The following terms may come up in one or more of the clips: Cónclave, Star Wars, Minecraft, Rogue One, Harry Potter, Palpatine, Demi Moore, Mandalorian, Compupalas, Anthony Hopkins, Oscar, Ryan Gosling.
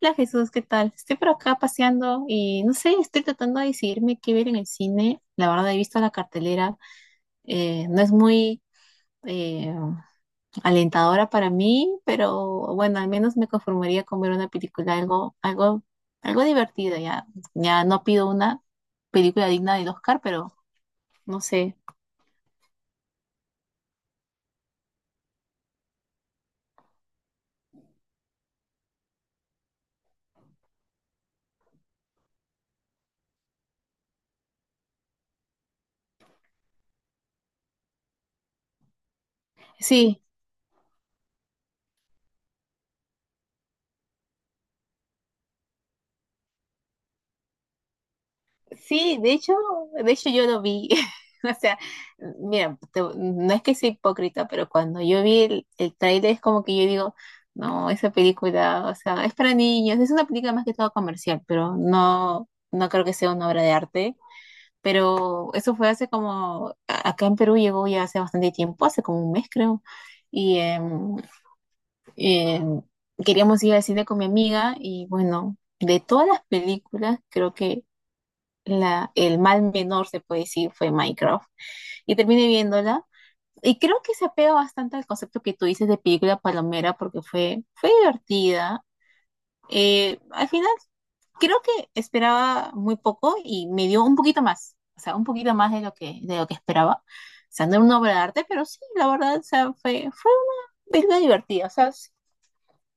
Hola Jesús, ¿qué tal? Estoy por acá paseando y no sé, estoy tratando de decidirme qué ver en el cine. La verdad, he visto la cartelera, no es muy eh, alentadora para mí, pero bueno, al menos me conformaría con ver una película algo divertida. Ya, ya no pido una película digna del Oscar, pero no sé. Sí, sí, de hecho yo lo vi. O sea, mira, no es que sea hipócrita, pero cuando yo vi el tráiler es como que yo digo, no, esa película, o sea, es para niños, es una película más que todo comercial, pero no, no creo que sea una obra de arte. Pero eso fue hace como, acá en Perú llegó ya hace bastante tiempo, hace como un mes creo, y em, queríamos ir al cine con mi amiga y bueno, de todas las películas creo que el mal menor, se puede decir, fue Minecraft. Y terminé viéndola. Y creo que se apega bastante al concepto que tú dices de película palomera porque fue divertida. Al final, creo que esperaba muy poco y me dio un poquito más, o sea, un poquito más de lo que esperaba. O sea, no era una obra de arte, pero sí, la verdad, o sea, fue una película divertida, o sea, sí,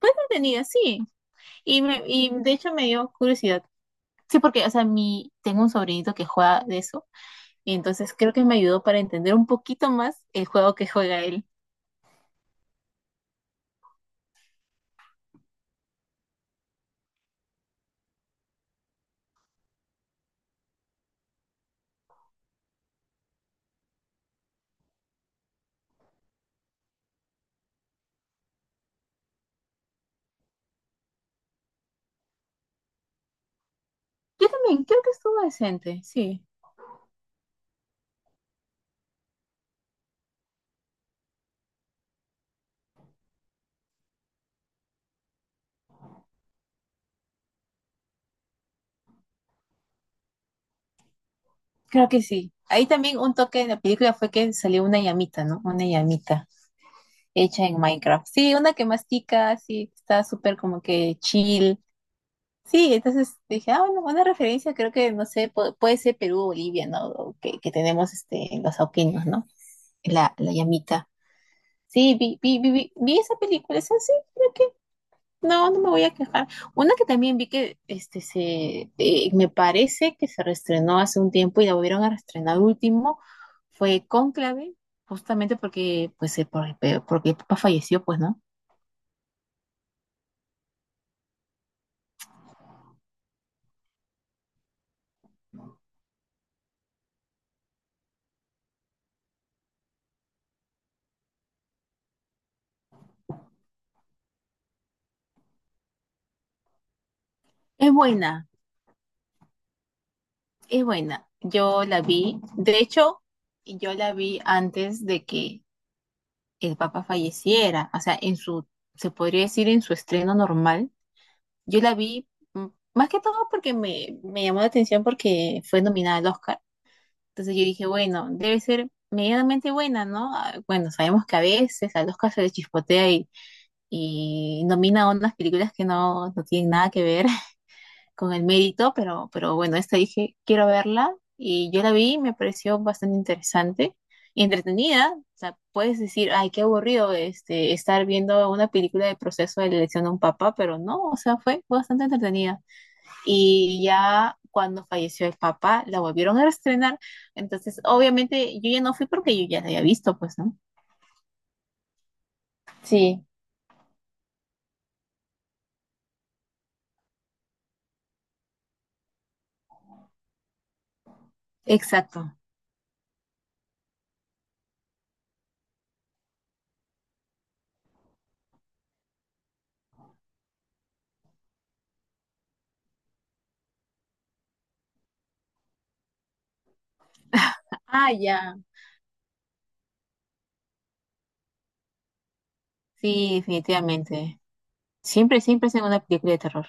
entretenida, sí. Y de hecho me dio curiosidad. Sí, porque, o sea, tengo un sobrinito que juega de eso. Y entonces creo que me ayudó para entender un poquito más el juego que juega él. Yo también creo que estuvo decente, sí, creo que sí. Ahí también un toque de la película fue que salió una llamita, ¿no? Una llamita hecha en Minecraft. Sí, una que mastica, sí, está súper como que chill. Sí, entonces dije, ah, bueno, una referencia creo que, no sé, puede ser Perú o Bolivia, ¿no? O que tenemos los auquinos, ¿no? La llamita. Sí, vi esa película, esa sí, creo. No, no me voy a quejar. Una que también vi que este se me parece que se reestrenó hace un tiempo y la volvieron a reestrenar último fue Cónclave, justamente porque pues porque el papá falleció, pues, ¿no? Es buena, es buena. Yo la vi, de hecho, yo la vi antes de que el papá falleciera, o sea, en su, se podría decir, en su estreno normal. Yo la vi mm, más que todo porque me llamó la atención porque fue nominada al Oscar. Entonces yo dije, bueno, debe ser medianamente buena, ¿no? Ah, bueno, sabemos que a veces al Oscar se le chispotea y, nomina unas películas que no, no tienen nada que ver con el mérito, pero bueno, esta dije, quiero verla y yo la vi y me pareció bastante interesante y entretenida. O sea, puedes decir, ay, qué aburrido estar viendo una película de proceso de la elección de un papá, pero no, o sea, fue bastante entretenida y ya cuando falleció el papá la volvieron a estrenar. Entonces, obviamente yo ya no fui porque yo ya la había visto, pues, ¿no? Sí. Exacto. Ah, ya. Sí, definitivamente. Siempre, siempre es en una película de terror.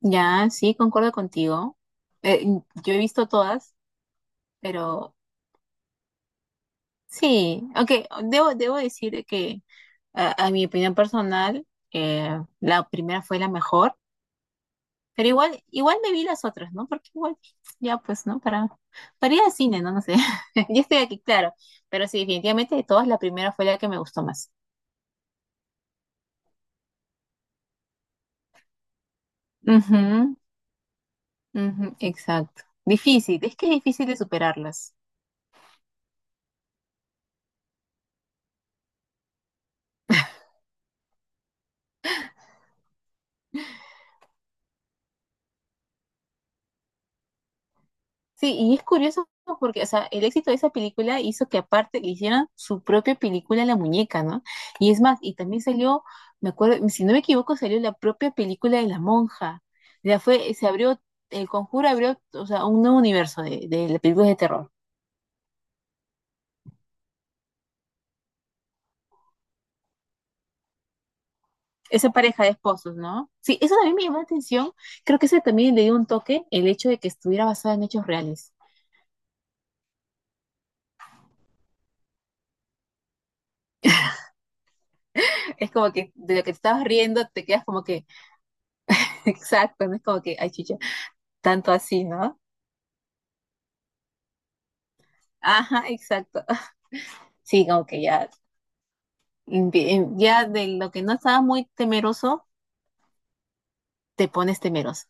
Ya, sí, concuerdo contigo. Eh, yo he visto todas, pero sí, aunque debo decir que a mi opinión personal, la primera fue la mejor. Pero igual me vi las otras, ¿no? Porque igual, ya pues, ¿no? Para ir al cine, ¿no? No sé. Ya estoy aquí, claro. Pero sí, definitivamente de todas, la primera fue la que me gustó más. Ujú, ujú, exacto. Difícil, es que es difícil de superarlas. Sí, y es curioso porque, o sea, el éxito de esa película hizo que aparte le hicieran su propia película a la muñeca, ¿no? Y es más, y también salió, me acuerdo, si no me equivoco, salió la propia película de la monja. Ya fue, se abrió, el conjuro abrió, o sea, un nuevo universo de las películas de terror. Esa pareja de esposos, ¿no? Sí, eso también me llamó la atención. Creo que eso también le dio un toque, el hecho de que estuviera basada en hechos reales. Es como que de lo que te estabas riendo, te quedas como que, exacto, no es como que, ay, chicha, tanto así, ¿no? Ajá, exacto. Sí, como que ya, ya de lo que no estaba muy temeroso, te pones temeroso.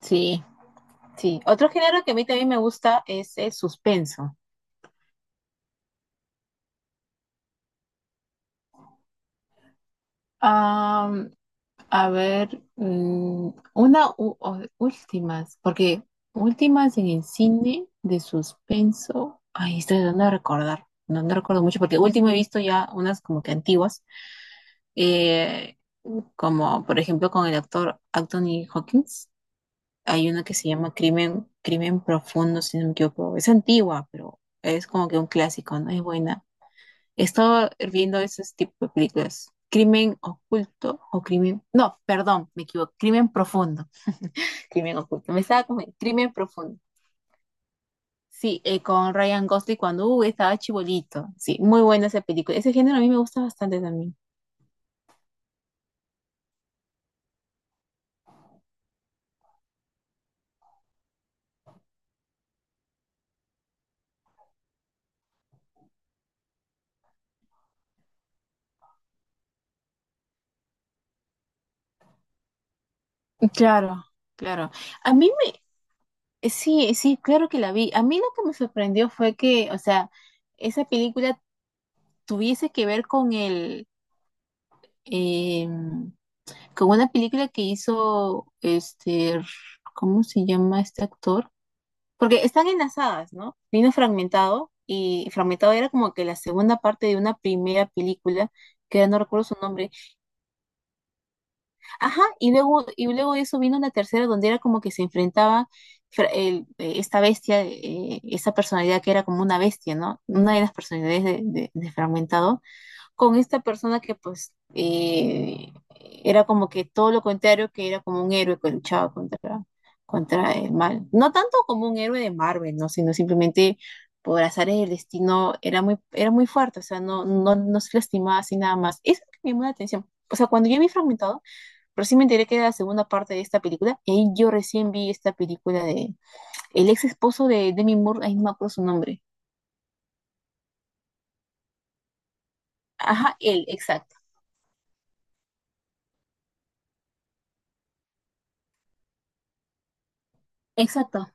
Sí, sí. Otro género que a mí también me gusta es el suspenso. Am, a ver, una últimas, porque últimas en el cine de suspenso. Ay, estoy tratando de recordar. No, no recuerdo mucho, porque último he visto ya unas como que antiguas, eh, como por ejemplo con el actor Anthony Hopkins. Hay una que se llama Crimen Profundo, si no me equivoco. Es antigua, pero es como que un clásico, ¿no? Es buena. He estado viendo esos tipos de películas. Crimen oculto o crimen. No, perdón, me equivoco. Crimen profundo. Crimen oculto. Me estaba como. Crimen profundo. Sí, con Ryan Gosling cuando estaba chibolito. Sí, muy buena esa película. Ese género a mí me gusta bastante también. Claro, claro. A mí me... Sí, sí, claro que la vi. A mí lo que me sorprendió fue que, o sea, esa película tuviese que ver eh, con una película que hizo ¿cómo se llama este actor? Porque están enlazadas, ¿no? Vino fragmentado y fragmentado era como que la segunda parte de una primera película que no recuerdo su nombre. Ajá, y luego de eso vino una tercera donde era como que se enfrentaba esta bestia, esta personalidad que era como una bestia, ¿no? Una de las personalidades de Fragmentado con esta persona que pues era como que todo lo contrario, que era como un héroe que luchaba contra el mal. No tanto como un héroe de Marvel, ¿no? Sino simplemente por azares del destino era muy fuerte, o sea, no, no, no se lastimaba así nada más. Eso es lo que me llamó la atención. O sea, cuando yo vi Fragmentado, pero sí me enteré que era la segunda parte de esta película, y ahí yo recién vi esta película de el ex esposo de Demi Moore, ahí no me acuerdo su nombre. Ajá, él, exacto. Exacto,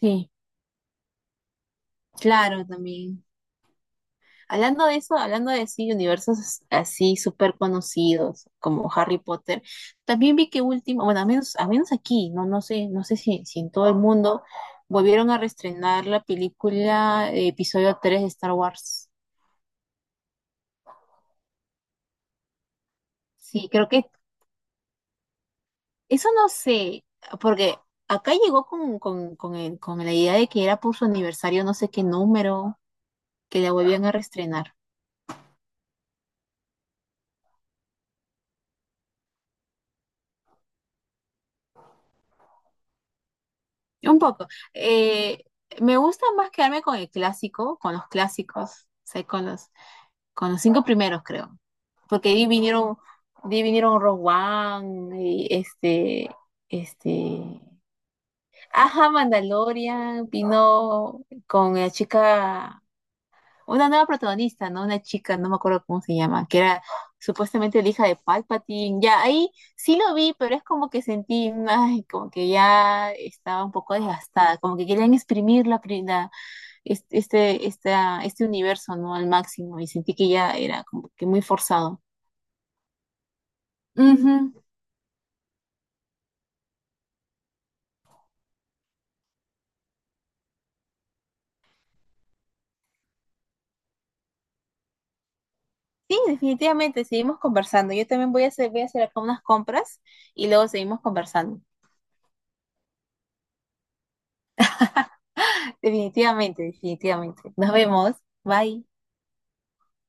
sí, claro, también. Hablando de eso, universos así súper conocidos como Harry Potter, también vi que último, bueno, a menos aquí, no sé si en todo el mundo volvieron a reestrenar la película episodio 3 de Star Wars. Sí, creo que eso no sé, porque acá llegó con la idea de que era por su aniversario, no sé qué número, que la volvían a reestrenar. Un poco. Eh, Me gusta más quedarme con el clásico, con los clásicos, o sea, con los cinco primeros, creo. Porque ahí vinieron, de ahí vinieron Rogue One, y este, ajá, Mandalorian, vino con la chica una nueva protagonista, ¿no? Una chica, no me acuerdo cómo se llama, que era supuestamente la hija de Palpatine. Ya ahí sí lo vi, pero es como que sentí, ay, como que ya estaba un poco desgastada, como que querían exprimir la, pri- la- es- este, esta- este universo, ¿no? Al máximo, y sentí que ya era como que muy forzado. Ujú. Sí, definitivamente, seguimos conversando. Yo también voy a hacer acá unas compras y luego seguimos conversando. Definitivamente, definitivamente. Nos vemos. Bye.